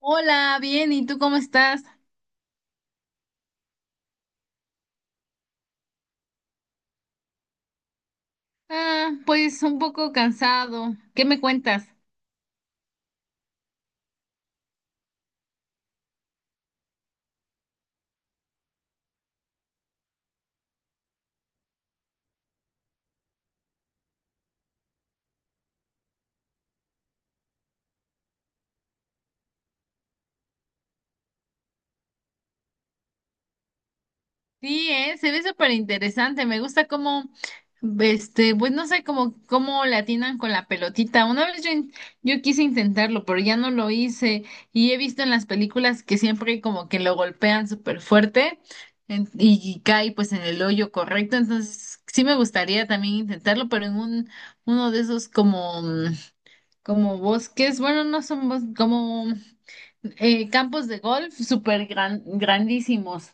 Hola, bien, ¿y tú cómo estás? Ah, pues un poco cansado. ¿Qué me cuentas? Sí, se ve súper interesante. Me gusta cómo, pues no sé cómo le atinan con la pelotita. Una vez yo quise intentarlo, pero ya no lo hice. Y he visto en las películas que siempre como que lo golpean súper fuerte y cae pues en el hoyo correcto. Entonces, sí me gustaría también intentarlo, pero en uno de esos como como bosques, bueno, no son bosques, como campos de golf súper grandísimos.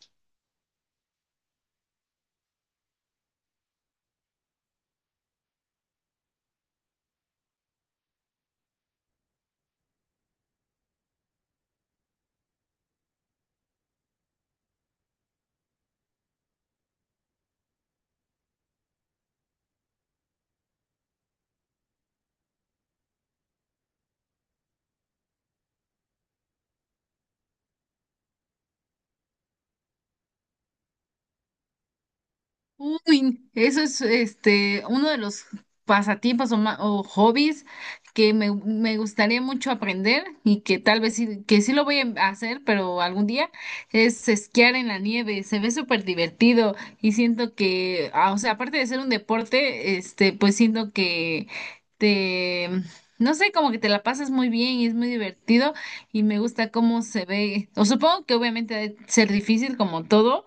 Uy, eso es uno de los pasatiempos o hobbies que me gustaría mucho aprender y que tal vez sí, que sí lo voy a hacer, pero algún día es esquiar en la nieve. Se ve súper divertido y siento que, ah, o sea, aparte de ser un deporte, pues siento que te, no sé, como que te la pasas muy bien y es muy divertido y me gusta cómo se ve. O supongo que obviamente ha de ser difícil como todo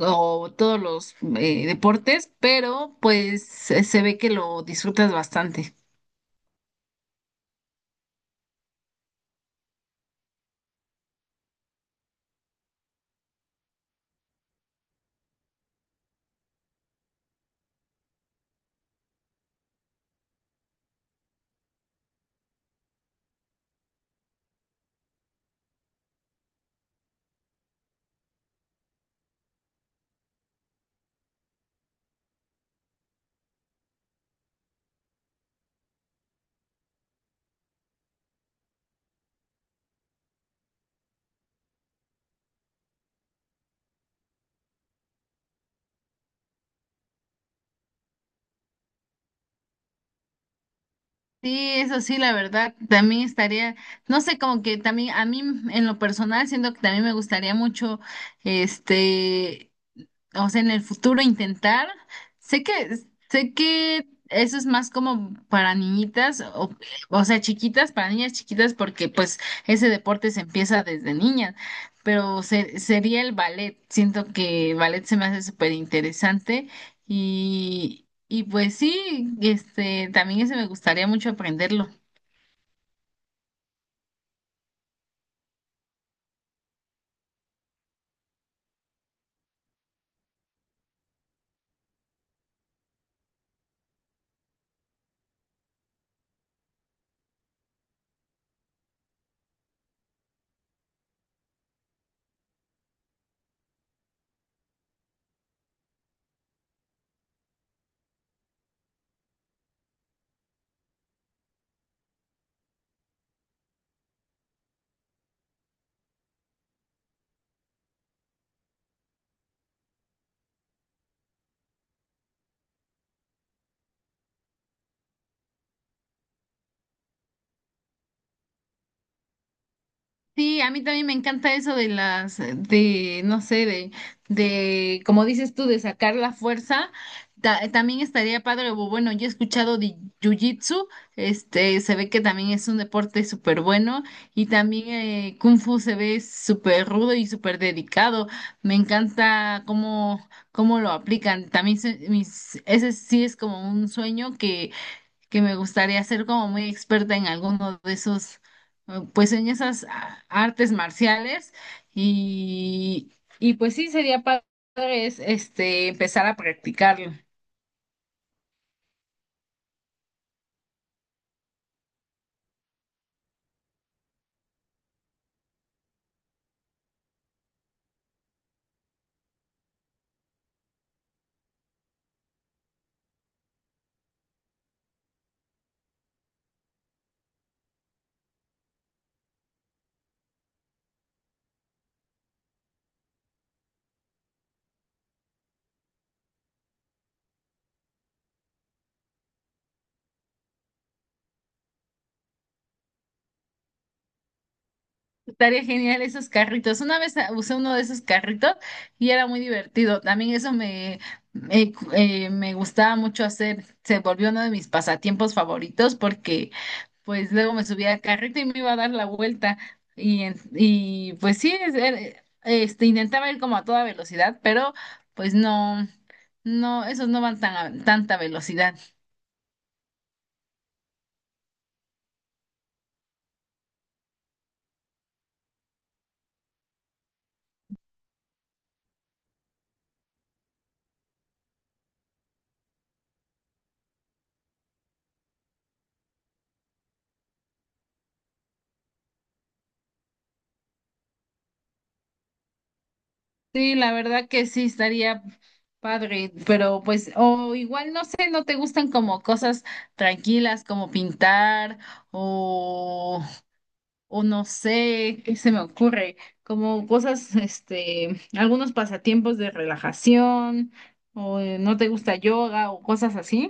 o todos los deportes, pero pues se ve que lo disfrutas bastante. Sí, eso sí, la verdad, también no sé, como que también a mí en lo personal siento que también me gustaría mucho, este, o sea, en el futuro intentar, sé que, sé que eso es más como para niñitas, o sea, chiquitas, para niñas chiquitas, porque pues ese deporte se empieza desde niñas, pero sería el ballet, siento que ballet se me hace súper interesante y pues sí, también ese me gustaría mucho aprenderlo. Sí, a mí también me encanta eso de las, no sé, como dices tú, de sacar la fuerza. También estaría padre, o bueno, yo he escuchado de Jiu-Jitsu, se ve que también es un deporte súper bueno y también Kung Fu se ve súper rudo y súper dedicado. Me encanta cómo lo aplican. También ese sí es como un sueño que me gustaría ser como muy experta en alguno de esos, pues en esas ah, artes marciales y, y pues sí, sería padre empezar a practicarlo. Estaría genial esos carritos. Una vez ah, usé uno de esos carritos y era muy divertido. También eso me gustaba mucho hacer. Se volvió uno de mis pasatiempos favoritos porque pues luego me subía al carrito y me iba a dar la vuelta. Y pues sí, intentaba ir como a toda velocidad, pero pues no, no, esos no van tan a tanta velocidad. Sí, la verdad que sí estaría padre, pero pues, o igual no sé, no te gustan como cosas tranquilas como pintar o o no sé, qué se me ocurre, como cosas, algunos pasatiempos de relajación, o no te gusta yoga o cosas así.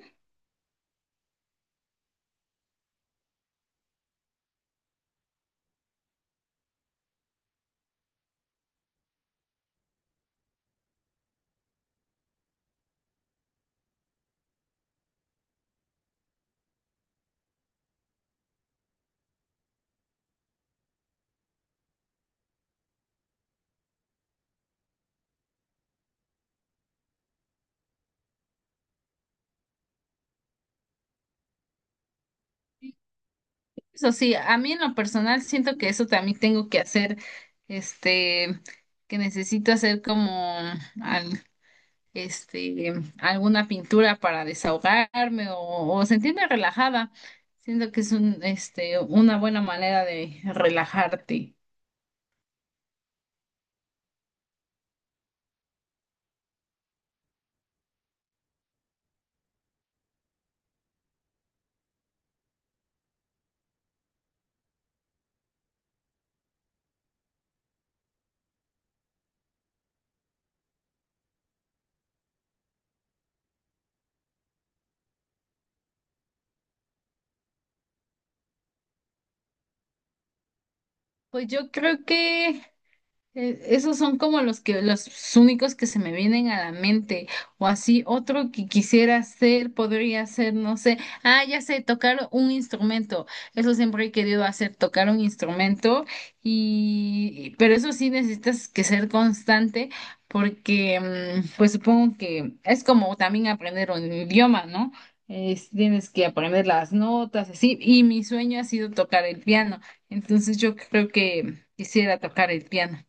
Eso sí, a mí en lo personal siento que eso también tengo que hacer, este, que necesito hacer como al- este, alguna pintura para desahogarme o sentirme relajada. Siento que es una buena manera de relajarte. Pues yo creo que esos son como los que los únicos que se me vienen a la mente. O así otro que quisiera hacer, podría ser, no sé. Ah, ya sé, tocar un instrumento. Eso siempre he querido hacer, tocar un instrumento. Y, pero eso sí necesitas que ser constante, porque pues supongo que es como también aprender un idioma, ¿no? Tienes que aprender las notas, así. Y mi sueño ha sido tocar el piano. Entonces yo creo que quisiera tocar el piano.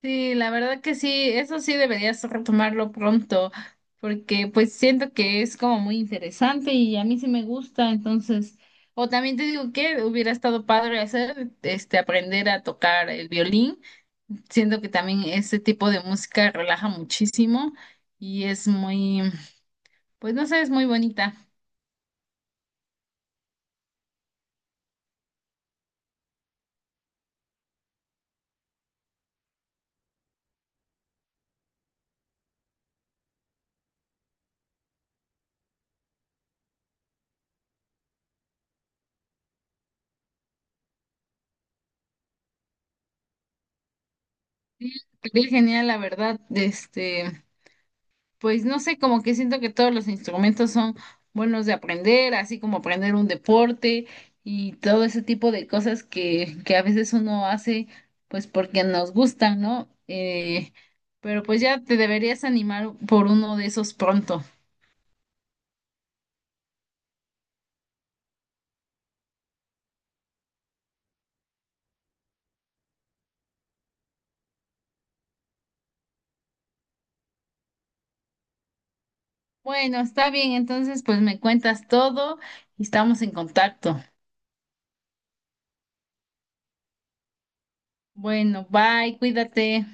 Sí, la verdad que sí, eso sí deberías retomarlo pronto, porque pues siento que es como muy interesante y a mí sí me gusta, entonces, o también te digo que hubiera estado padre hacer, aprender a tocar el violín, siento que también este tipo de música relaja muchísimo y es muy, pues no sé, es muy bonita. Sí, sería genial, la verdad, Pues no sé, como que siento que todos los instrumentos son buenos de aprender, así como aprender un deporte y todo ese tipo de cosas que a veces uno hace, pues porque nos gustan, ¿no? Pero pues ya te deberías animar por uno de esos pronto. Bueno, está bien, entonces pues me cuentas todo y estamos en contacto. Bueno, bye, cuídate.